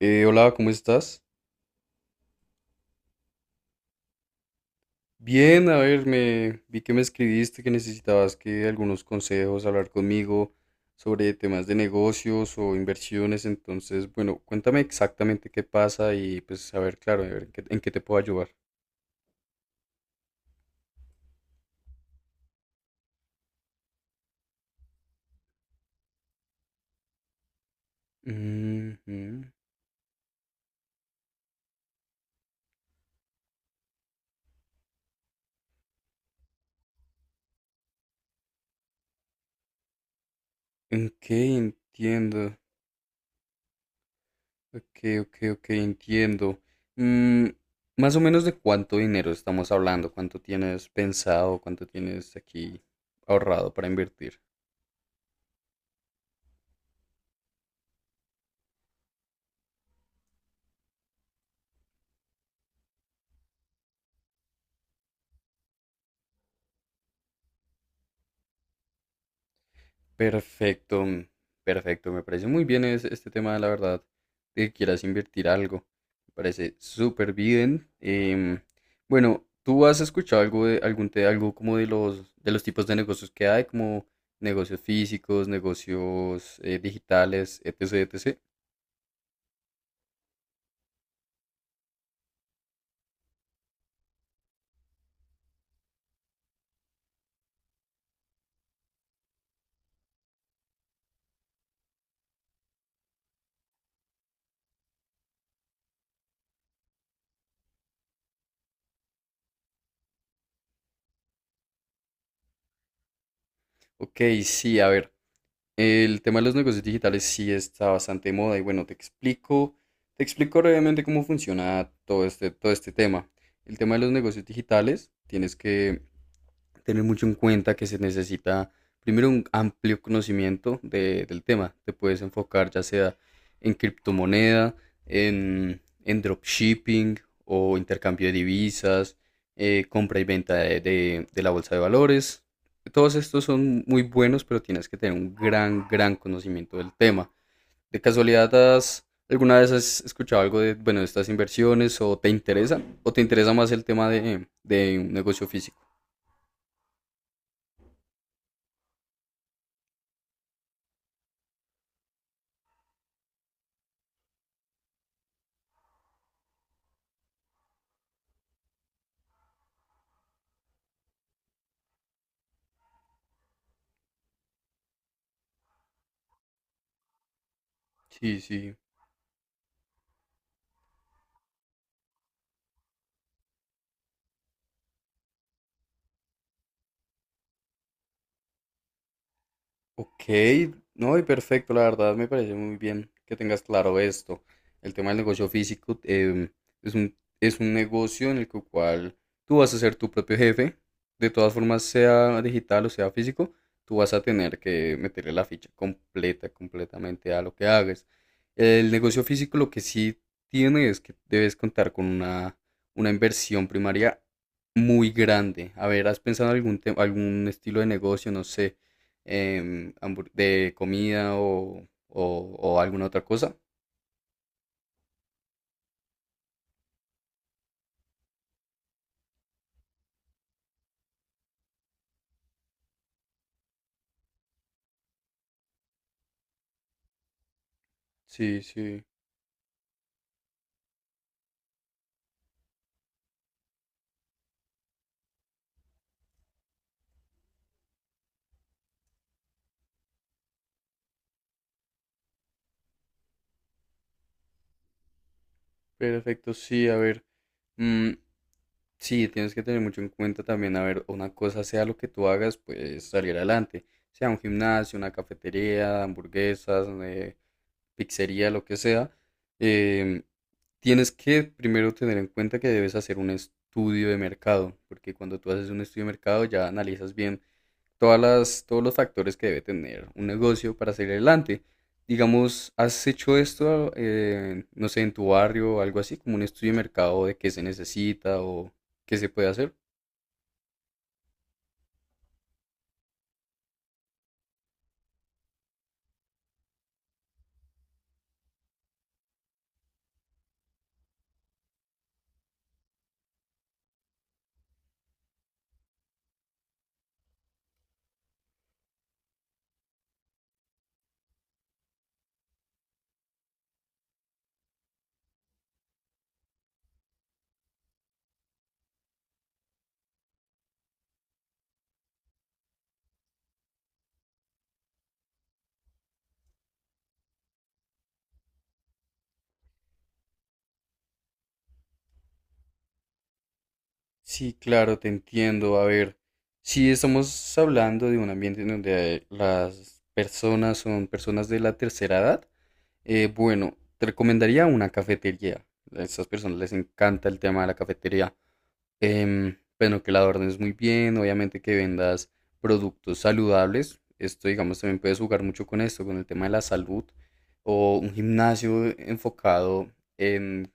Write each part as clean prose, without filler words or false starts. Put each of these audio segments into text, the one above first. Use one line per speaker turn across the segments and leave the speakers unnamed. Hola, ¿cómo estás? Bien, a ver, me vi que me escribiste que necesitabas que algunos consejos, hablar conmigo sobre temas de negocios o inversiones. Entonces, bueno, cuéntame exactamente qué pasa y pues a ver, claro, a ver, ¿en qué te puedo ayudar? Ujú. Ok, entiendo. Ok, ok, ok, entiendo. Mm, más o menos de cuánto dinero estamos hablando, cuánto tienes pensado, cuánto tienes aquí ahorrado para invertir. Perfecto, perfecto. Me parece muy bien este tema, la verdad, de que quieras invertir algo. Me parece súper bien. Bueno, ¿tú has escuchado algo de algo como de los tipos de negocios que hay, como negocios físicos, negocios digitales, etc, etc? Ok, sí, a ver. El tema de los negocios digitales sí está bastante de moda y bueno, te explico brevemente cómo funciona todo este tema. El tema de los negocios digitales, tienes que tener mucho en cuenta que se necesita primero un amplio conocimiento del tema. Te puedes enfocar ya sea en criptomoneda, en dropshipping o intercambio de divisas, compra y venta de la bolsa de valores. Todos estos son muy buenos, pero tienes que tener un gran conocimiento del tema. ¿De casualidad alguna vez has escuchado algo de, bueno, de estas inversiones o te interesan? ¿O te interesa más el tema de un negocio físico? Sí, sí. Ok, no, y perfecto, la verdad me parece muy bien que tengas claro esto. El tema del negocio físico, es un negocio en el cual tú vas a ser tu propio jefe. De todas formas, sea digital o sea físico, tú vas a tener que meterle la ficha completa, completamente a lo que hagas. El negocio físico lo que sí tiene es que debes contar una inversión primaria muy grande. A ver, ¿has pensado en algún estilo de negocio, no sé, de comida o, o alguna otra cosa? Sí, sí, perfecto, sí, a ver. mm, sí, tienes que tener mucho en cuenta también, a ver, una cosa sea lo que tú hagas, pues salir adelante, sea un gimnasio, una cafetería, hamburguesas, pizzería, lo que sea. em, Tienes que primero tener en cuenta que debes hacer un estudio de mercado, porque cuando tú haces un estudio de mercado ya analizas bien todos los factores que debe tener un negocio para salir adelante. Digamos, ¿has hecho esto, no sé, en tu barrio o algo así, como un estudio de mercado de qué se necesita o qué se puede hacer? Sí, claro, te entiendo. A ver, si estamos hablando de un ambiente en donde las personas son personas de la tercera edad, bueno, te recomendaría una cafetería. A estas personas les encanta el tema de la cafetería. Bueno, que la adornes muy bien, obviamente que vendas productos saludables. Esto, digamos, también puedes jugar mucho con esto, con el tema de la salud. O un gimnasio enfocado en,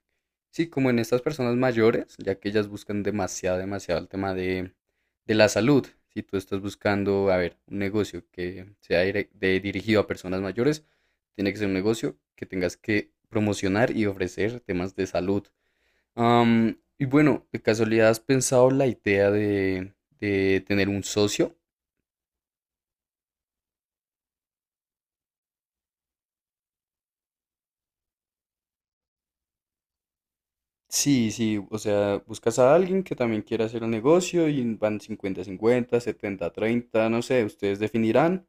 sí, como en estas personas mayores, ya que ellas buscan demasiado, demasiado el tema de la salud. Si tú estás buscando, a ver, un negocio que sea dirigido a personas mayores, tiene que ser un negocio que tengas que promocionar y ofrecer temas de salud. Y bueno, ¿de casualidad has pensado la idea de tener un socio? Sí, sí, o sea, buscas a alguien que también quiera hacer un negocio y van cincuenta-cincuenta, setenta-treinta, no sé, ustedes definirán.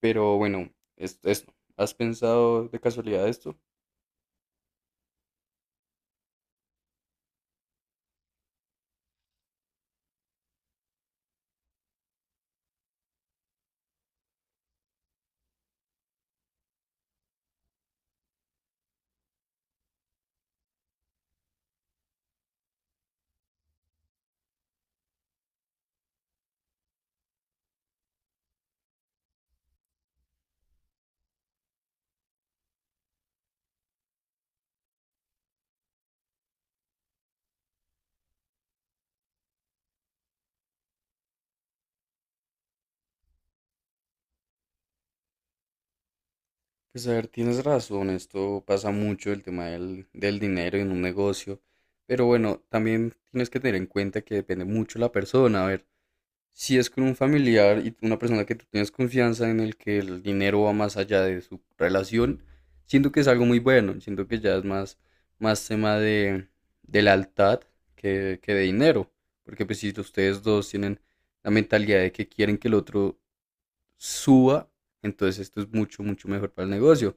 Pero bueno, esto. ¿Has pensado de casualidad esto? Pues a ver, tienes razón, esto pasa mucho, el tema del dinero en un negocio. Pero bueno, también tienes que tener en cuenta que depende mucho la persona. A ver, si es con un familiar y una persona que tú tienes confianza en el que el dinero va más allá de su relación, siento que es algo muy bueno. Siento que ya es más tema de lealtad que de dinero. Porque pues si ustedes dos tienen la mentalidad de que quieren que el otro suba, entonces esto es mucho, mucho mejor para el negocio.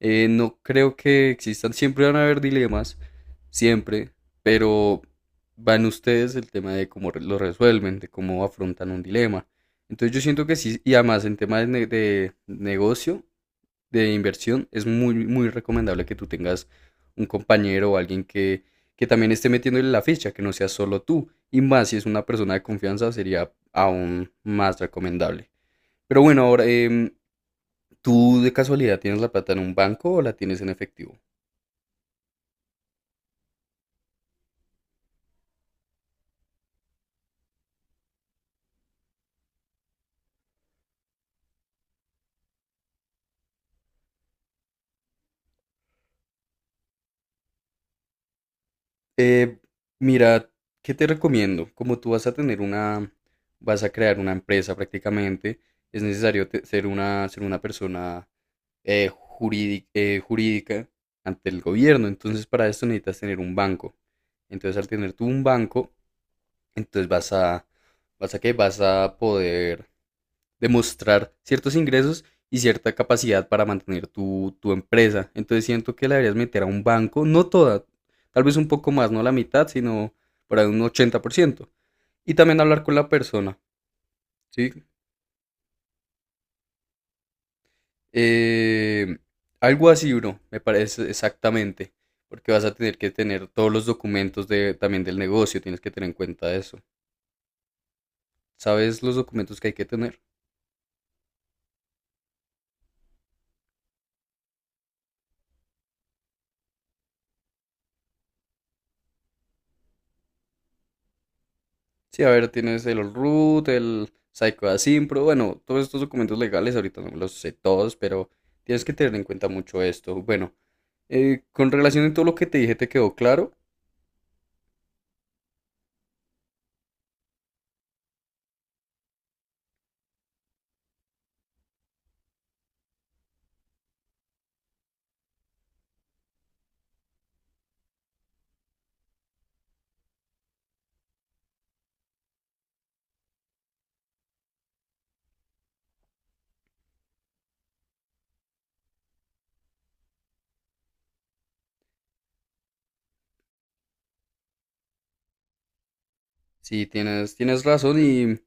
No creo que existan, siempre van a haber dilemas, siempre, pero van ustedes el tema de cómo lo resuelven, de cómo afrontan un dilema. Entonces yo siento que sí, y además en tema de, de negocio, de inversión, es muy, muy recomendable que tú tengas un compañero o alguien que también esté metiéndole la ficha, que no sea solo tú. Y más si es una persona de confianza, sería aún más recomendable. Pero bueno, ahora, ¿tú de casualidad tienes la plata en un banco o la tienes en efectivo? Eh, mira, ¿qué te recomiendo? Como tú vas a crear una empresa prácticamente, es necesario ser ser una persona jurídica ante el gobierno. Entonces, para esto necesitas tener un banco. Entonces, al tener tú un banco, entonces vas a qué? Vas a poder demostrar ciertos ingresos y cierta capacidad para mantener tu empresa. Entonces siento que la deberías meter a un banco, no toda, tal vez un poco más, no la mitad, sino por ahí un 80%. Y también hablar con la persona, ¿sí? Eh, algo así, bro, me parece exactamente, porque vas a tener que tener todos los documentos de, también del negocio, tienes que tener en cuenta eso. ¿Sabes los documentos que hay que tener? Sí, a ver, tienes el Allroot, el Psycho Asimpro, bueno, todos estos documentos legales, ahorita no me los sé todos, pero tienes que tener en cuenta mucho esto. Bueno, con relación a todo lo que te dije, ¿te quedó claro? Sí, tienes razón y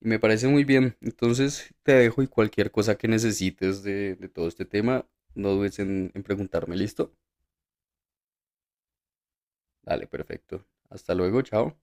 me parece muy bien. Entonces te dejo y cualquier cosa que necesites de todo este tema, no dudes en preguntarme, ¿listo? Dale, perfecto. Hasta luego, chao.